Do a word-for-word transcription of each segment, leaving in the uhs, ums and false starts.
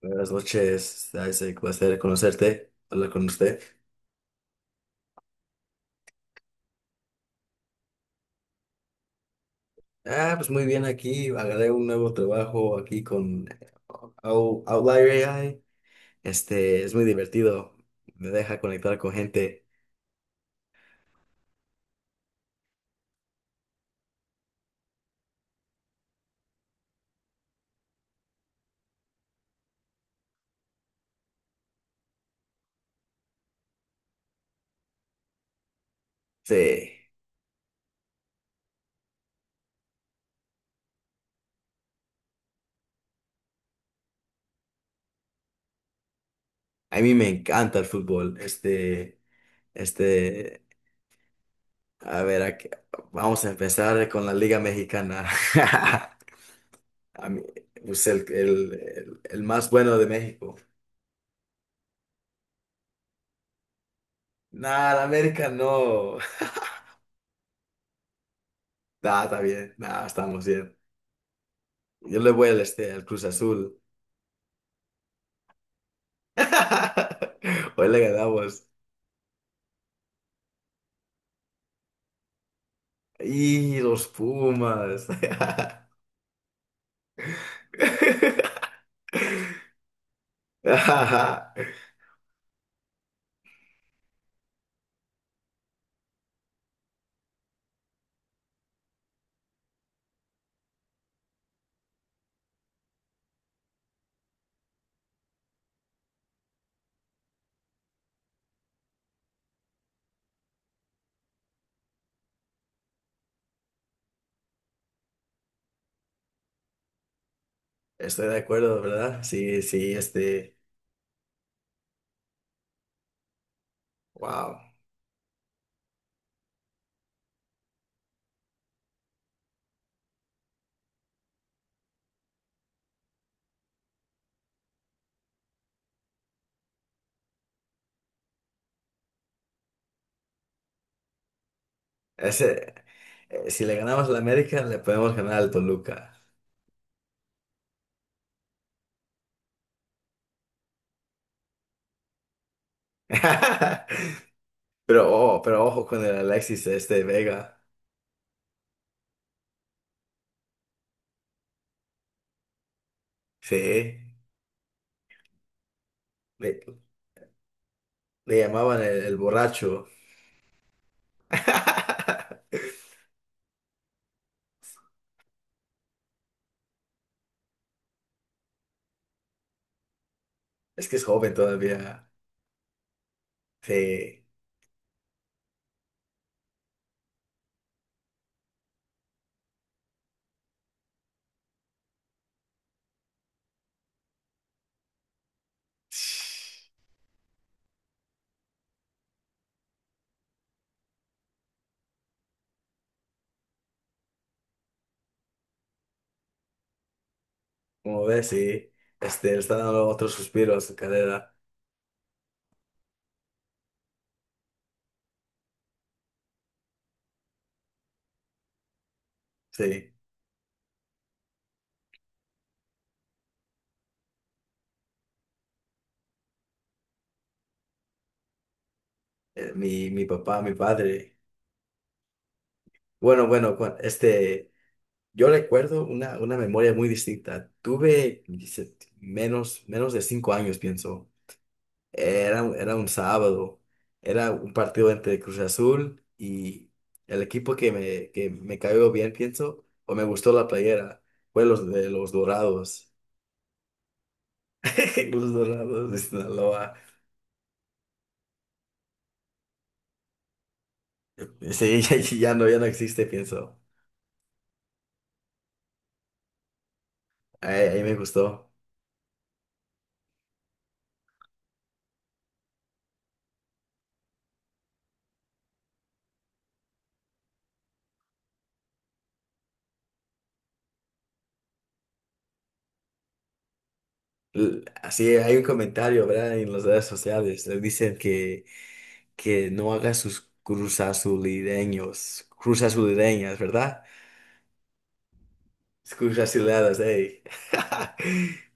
Buenas noches, Isaac. Placer conocerte, hablar con usted. Ah, pues muy bien aquí. Agarré un nuevo trabajo aquí con Ou- Outlier A I. Este, es muy divertido. Me deja conectar con gente. Sí, a mí me encanta el fútbol. Este, este, a ver, aquí- vamos a empezar con la Liga Mexicana. A mí, pues el, el, el, el más bueno de México. Nada, América no. Nah, está bien. Nah, estamos bien. Yo le voy al este, al Cruz Azul. Hoy le ganamos. Y los Pumas. Ajá. Estoy de acuerdo, ¿verdad? Sí, sí, este. Wow. Ese, eh, si le ganamos al América, le podemos ganar al Toluca. Pero, oh, pero ojo con el Alexis este Vega. Sí. Le, le llamaban el, el borracho. Es que es joven todavía. Sí. Como ves, sí, este, le está dando otros suspiros a su carrera, sí. Eh, mi, mi papá, mi padre. Bueno, bueno, cua- este, yo recuerdo una, una memoria muy distinta. Tuve dice, menos, menos de cinco años, pienso. Era, un- era un sábado, era un partido entre Cruz Azul y el equipo que me, que me cayó bien, pienso, o me gustó la playera, fue los de los Dorados, los Dorados de Sinaloa. Sí, ya, ya no, ya no existe, pienso. Ahí, ahí me gustó. L- Así hay un comentario, ¿verdad? En las redes sociales. Le dicen que, que no haga sus cruzazulideños, cruzazulideñas, ¿verdad? Cruzazuliadas, ey.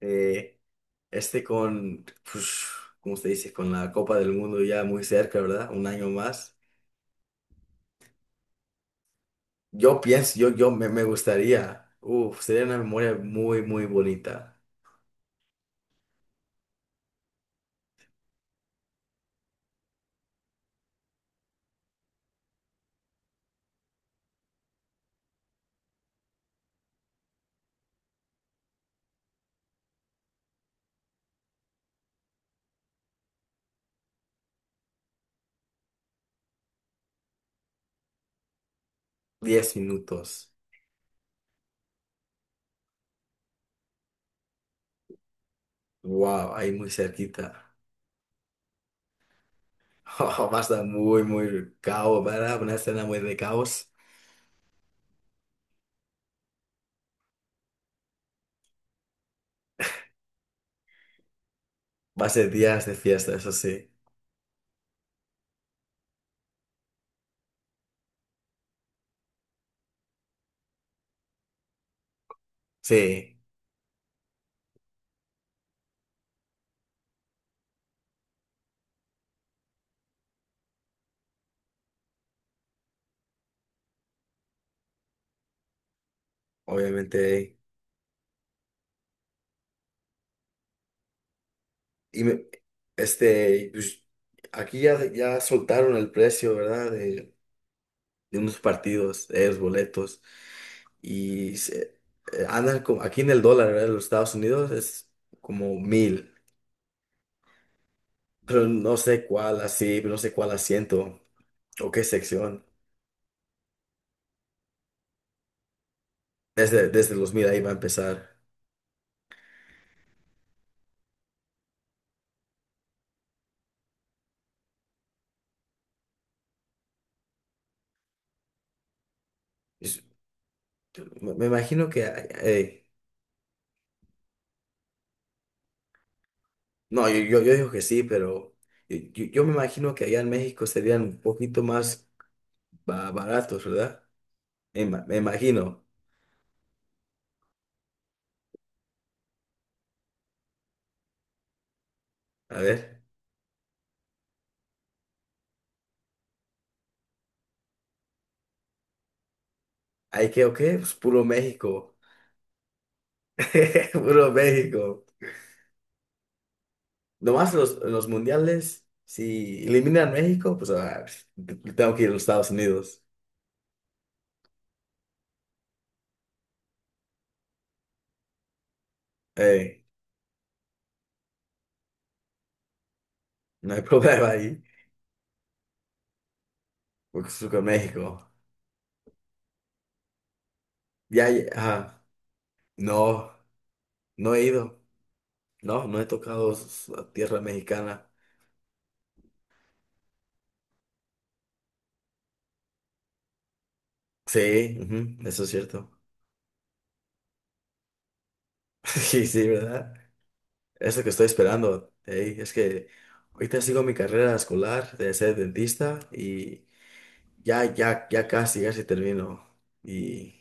Eh, este con, pues, ¿cómo se dice? Con la Copa del Mundo ya muy cerca, ¿verdad? Un año más. Yo pienso. Yo, yo me, me gustaría. Uf, sería una memoria muy, muy bonita. Diez minutos. Wow, ahí muy cerquita. Va a estar muy, muy caos, ¿verdad? Una escena muy de caos. Va a ser días de fiesta, eso sí. Sí, obviamente. Y me- este, pues, aquí ya, ya soltaron el precio, ¿verdad? De, de unos partidos, de los boletos. Y se- eh, andan como, aquí en el dólar, ¿verdad? En los Estados Unidos es como mil. Pero no sé cuál así, no sé cuál asiento o qué sección. Desde, desde los mil ahí va a empezar. Es- Me me imagino que... eh, no, yo, yo, yo digo que sí, pero yo, yo- yo me imagino que allá en México serían un poquito más ba- baratos, ¿verdad? Me, ima- me imagino. A ver, ¿hay que o qué? Pues puro México. Puro México. Nomás los, los mundiales, si eliminan México, pues ah, tengo que ir a los Estados Unidos. Eh, no hay problema ahí. Oaxaca, México. Ya, ya, ajá. No, no he ido. No, no he tocado s- la tierra mexicana. Sí, ujú, eso es cierto. Sí, sí, ¿verdad? Eso que estoy esperando. Ey, es que ahorita sigo mi carrera escolar de ser dentista y ya, ya, ya casi, casi termino. Y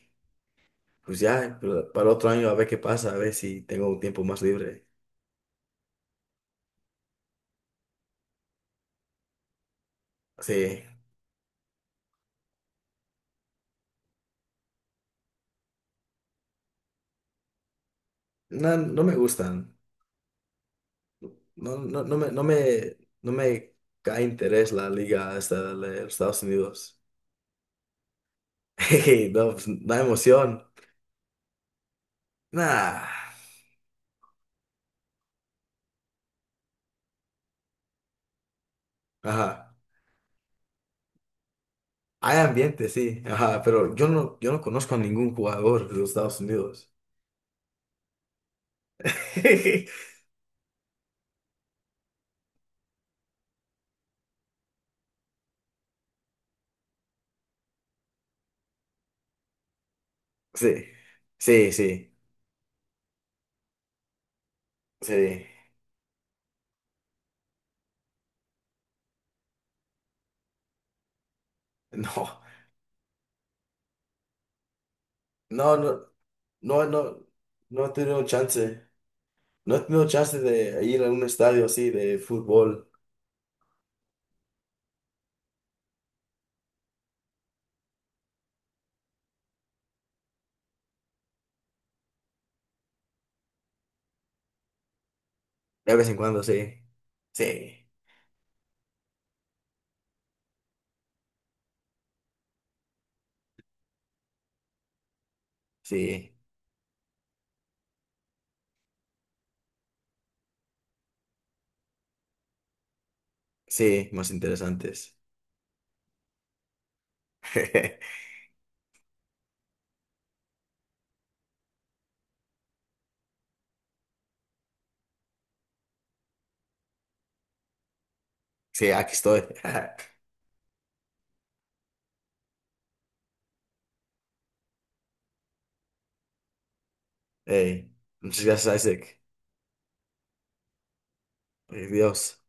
pues ya, pa- para el otro año a ver qué pasa, a ver si tengo un tiempo más libre. Sí, no, no me gustan. No, no, no me, no me, no me cae interés la liga esta de los Estados Unidos. Hey, no, pues, no hay emoción. Nah. Ajá. Hay ambiente, sí. Ajá, pero yo no, yo no conozco a ningún jugador de los Estados Unidos. Sí, sí, sí, sí. No, no, no, no, no, no he tenido chance. No he tenido chance de ir a un estadio así de fútbol. De vez en cuando, sí. Sí, sí, sí, más interesantes. Sí, aquí estoy. Ey, muchas gracias, Isaac. Ay, Dios.